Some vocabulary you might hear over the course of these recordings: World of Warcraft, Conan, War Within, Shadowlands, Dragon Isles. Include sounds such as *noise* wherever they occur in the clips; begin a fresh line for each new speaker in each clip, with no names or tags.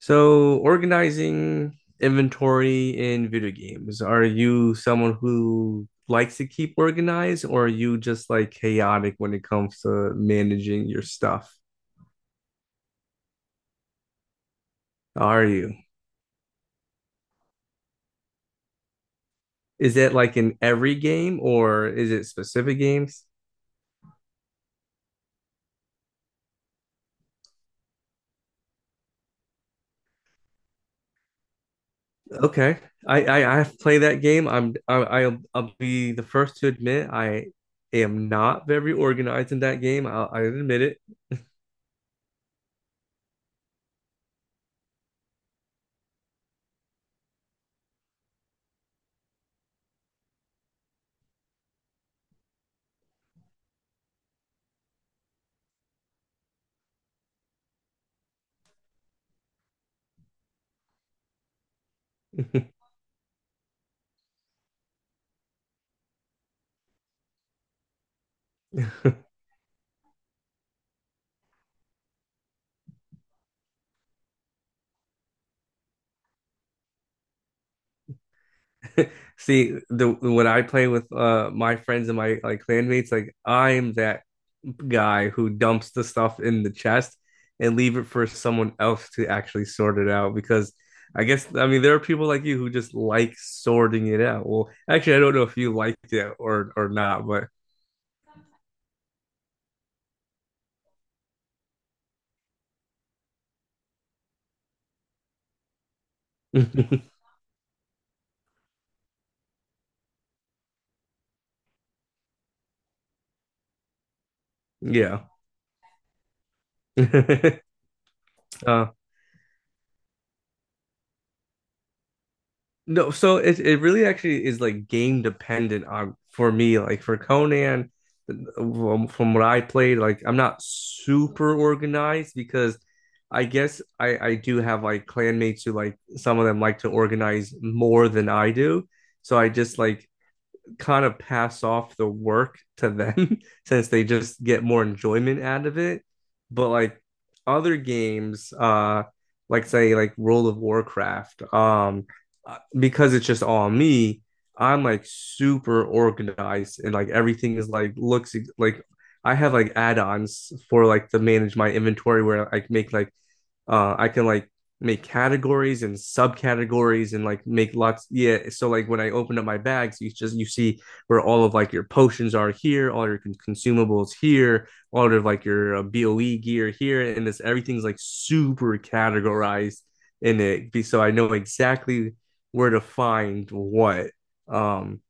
So, organizing inventory in video games, are you someone who likes to keep organized, or are you just like chaotic when it comes to managing your stuff? Are you? Is it like in every game, or is it specific games? Okay. I have played that game. I'll be the first to admit I am not very organized in that game. I admit it. *laughs* See, the when I play with my friends and my like clanmates, like I'm that guy who dumps the stuff in the chest and leave it for someone else to actually sort it out because I guess I mean there are people like you who just like sorting it out. Well, actually, I don't know if you liked it or not, but *laughs* yeah. *laughs* uh, No, so it really actually is like game dependent on for me. Like for Conan, from what I played, like I'm not super organized because I guess I do have like clanmates who like some of them like to organize more than I do. So I just like kind of pass off the work to them *laughs* since they just get more enjoyment out of it. But like other games, like say like World of Warcraft, because it's just all me, I'm like super organized and like everything is like looks like I have like add-ons for like to manage my inventory where I make like I can like make categories and subcategories and like make lots yeah so like when I open up my bags you see where all of like your potions are here all your consumables here all of like your boe gear here and this everything's like super categorized in it so I know exactly where to find what um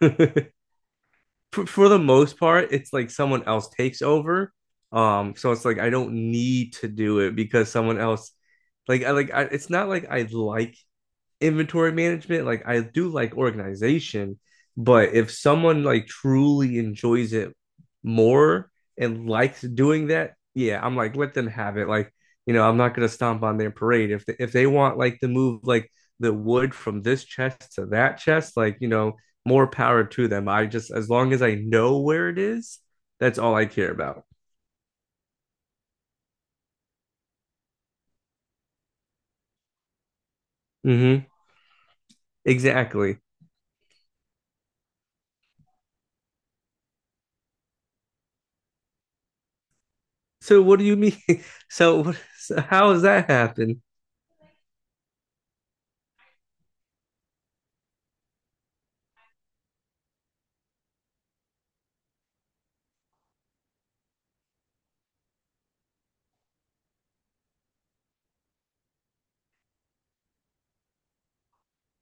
*laughs* for the most part, it's like someone else takes over. So it's like I don't need to do it because someone else, it's not like I like inventory management. Like I do like organization, but if someone like truly enjoys it more and likes doing that, yeah, I'm like let them have it. Like you know, I'm not gonna stomp on their parade if they want like to move like the wood from this chest to that chest, like you know, more power to them. I just as long as I know where it is, that's all I care about. Mm-hmm. Exactly. So what do you mean? *laughs* So, so how does that happen?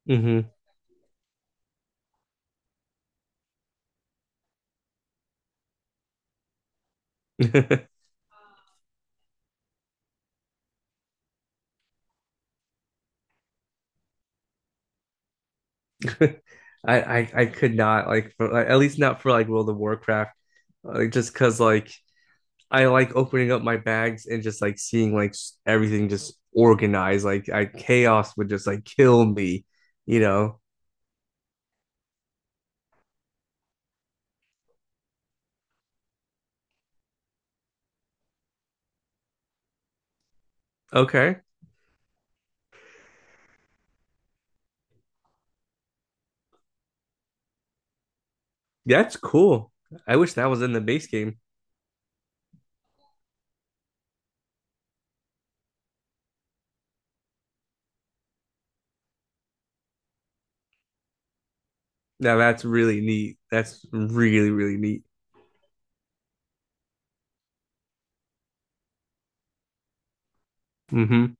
Mm-hmm. *laughs* *laughs* I could not like for like, at least not for like World of Warcraft like just cause like I like opening up my bags and just like seeing like everything just organized like I chaos would just like kill me you know. Okay, that's cool. I wish that was in the base game. Now that's really neat, that's really really neat. Mm-hmm.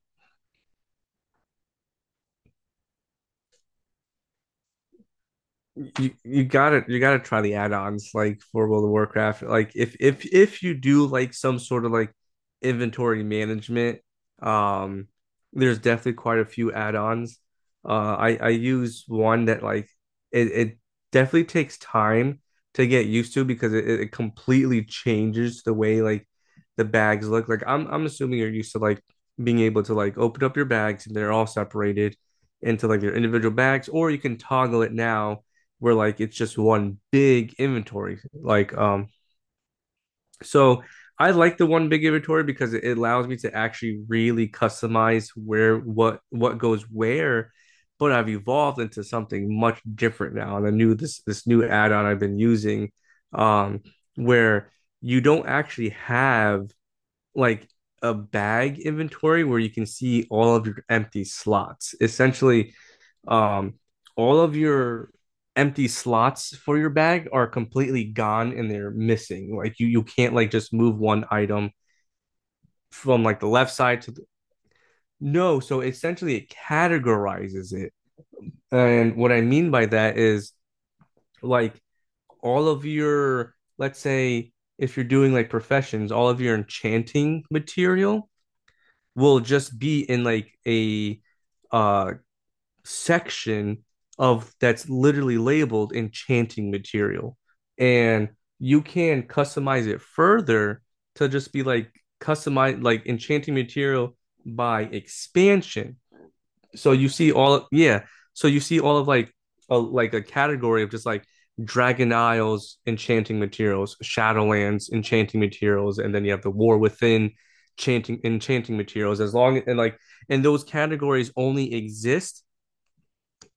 You gotta you gotta try the add-ons like for World of Warcraft. Like if you do like some sort of like inventory management, um, there's definitely quite a few add-ons. I use one that like it definitely takes time to get used to because it completely changes the way like the bags look. Like I'm assuming you're used to like being able to like open up your bags and they're all separated into like their individual bags, or you can toggle it now where like it's just one big inventory. Like so I like the one big inventory because it allows me to actually really customize where what goes where. But I've evolved into something much different now, and I knew this new add-on I've been using, um, where you don't actually have like a bag inventory where you can see all of your empty slots. Essentially, um, all of your empty slots for your bag are completely gone and they're missing. Like you can't like just move one item from like the left side to the no. So essentially, it categorizes it. And what I mean by that is like all of your, let's say, if you're doing like professions, all of your enchanting material will just be in like a uh section of that's literally labeled enchanting material and you can customize it further to just be like customize like enchanting material by expansion so you see all yeah so you see all of like a category of just like dragon isles enchanting materials, shadowlands enchanting materials, and then you have the war within chanting enchanting materials as long and like and those categories only exist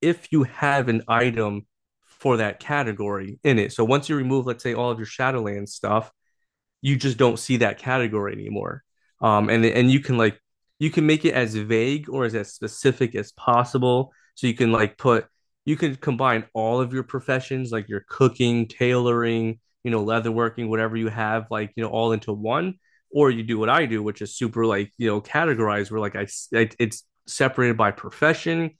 if you have an item for that category in it so once you remove let's say all of your shadowlands stuff you just don't see that category anymore. And you can like you can make it as vague or as specific as possible. So you can like put you can combine all of your professions, like your cooking, tailoring, you know, leatherworking, whatever you have, like you know, all into one. Or you do what I do, which is super like you know categorized, where like I it's separated by profession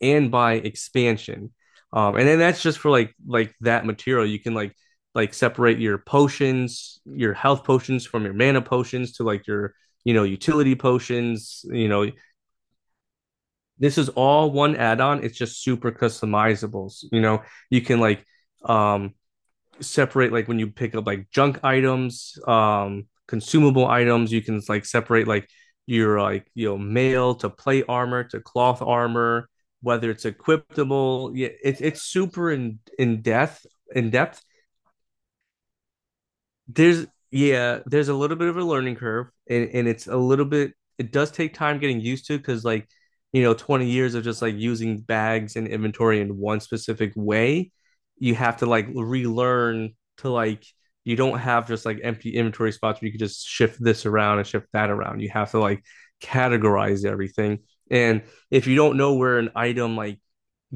and by expansion. And then that's just for like that material. You can like separate your potions, your health potions from your mana potions to like your you know utility potions. You know this is all one add-on. It's just super customizable. You know you can like um separate like when you pick up like junk items, consumable items. You can like separate like your like you know mail to plate armor to cloth armor, whether it's equipable. Yeah, it's super in depth in depth. There's Yeah, there's a little bit of a learning curve and it's a little bit it does take time getting used to because like you know, 20 years of just like using bags and inventory in one specific way, you have to like relearn to like you don't have just like empty inventory spots where you can just shift this around and shift that around. You have to like categorize everything. And if you don't know where an item like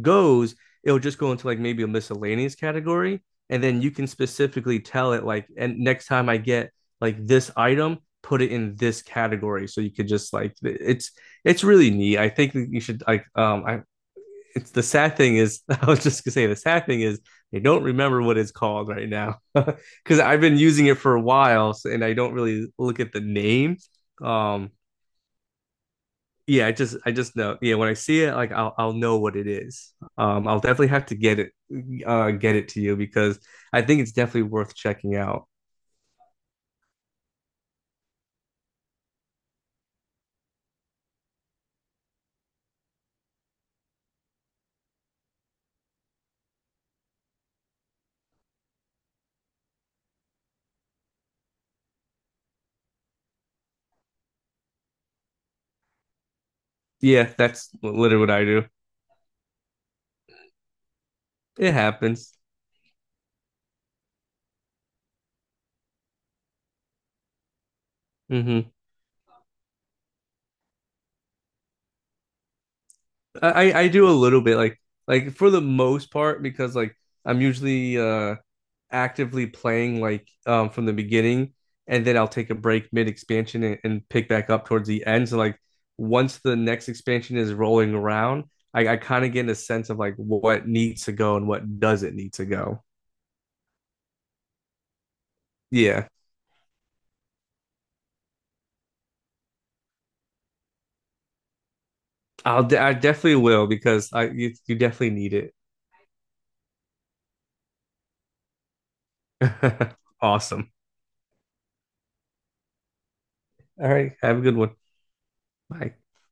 goes, it'll just go into like maybe a miscellaneous category. And then you can specifically tell it like, and next time I get like this item, put it in this category. So you could just like it's really neat. I think you should like I it's the sad thing is *laughs* I was just gonna say the sad thing is I don't remember what it's called right now because *laughs* I've been using it for a while so, and I don't really look at the name. Um, yeah, I just know. Yeah, when I see it, like I'll know what it is. I'll definitely have to get it to you because I think it's definitely worth checking out. Yeah, that's literally what I do. It happens. Hmm. I do a little bit like for the most part because like I'm usually actively playing like from the beginning and then I'll take a break mid expansion and pick back up towards the end. So like once the next expansion is rolling around, I kind of get a sense of like what needs to go and what doesn't need to go. Yeah, I definitely will because I you, you definitely need it. *laughs* Awesome. All right, have a good one. Bye.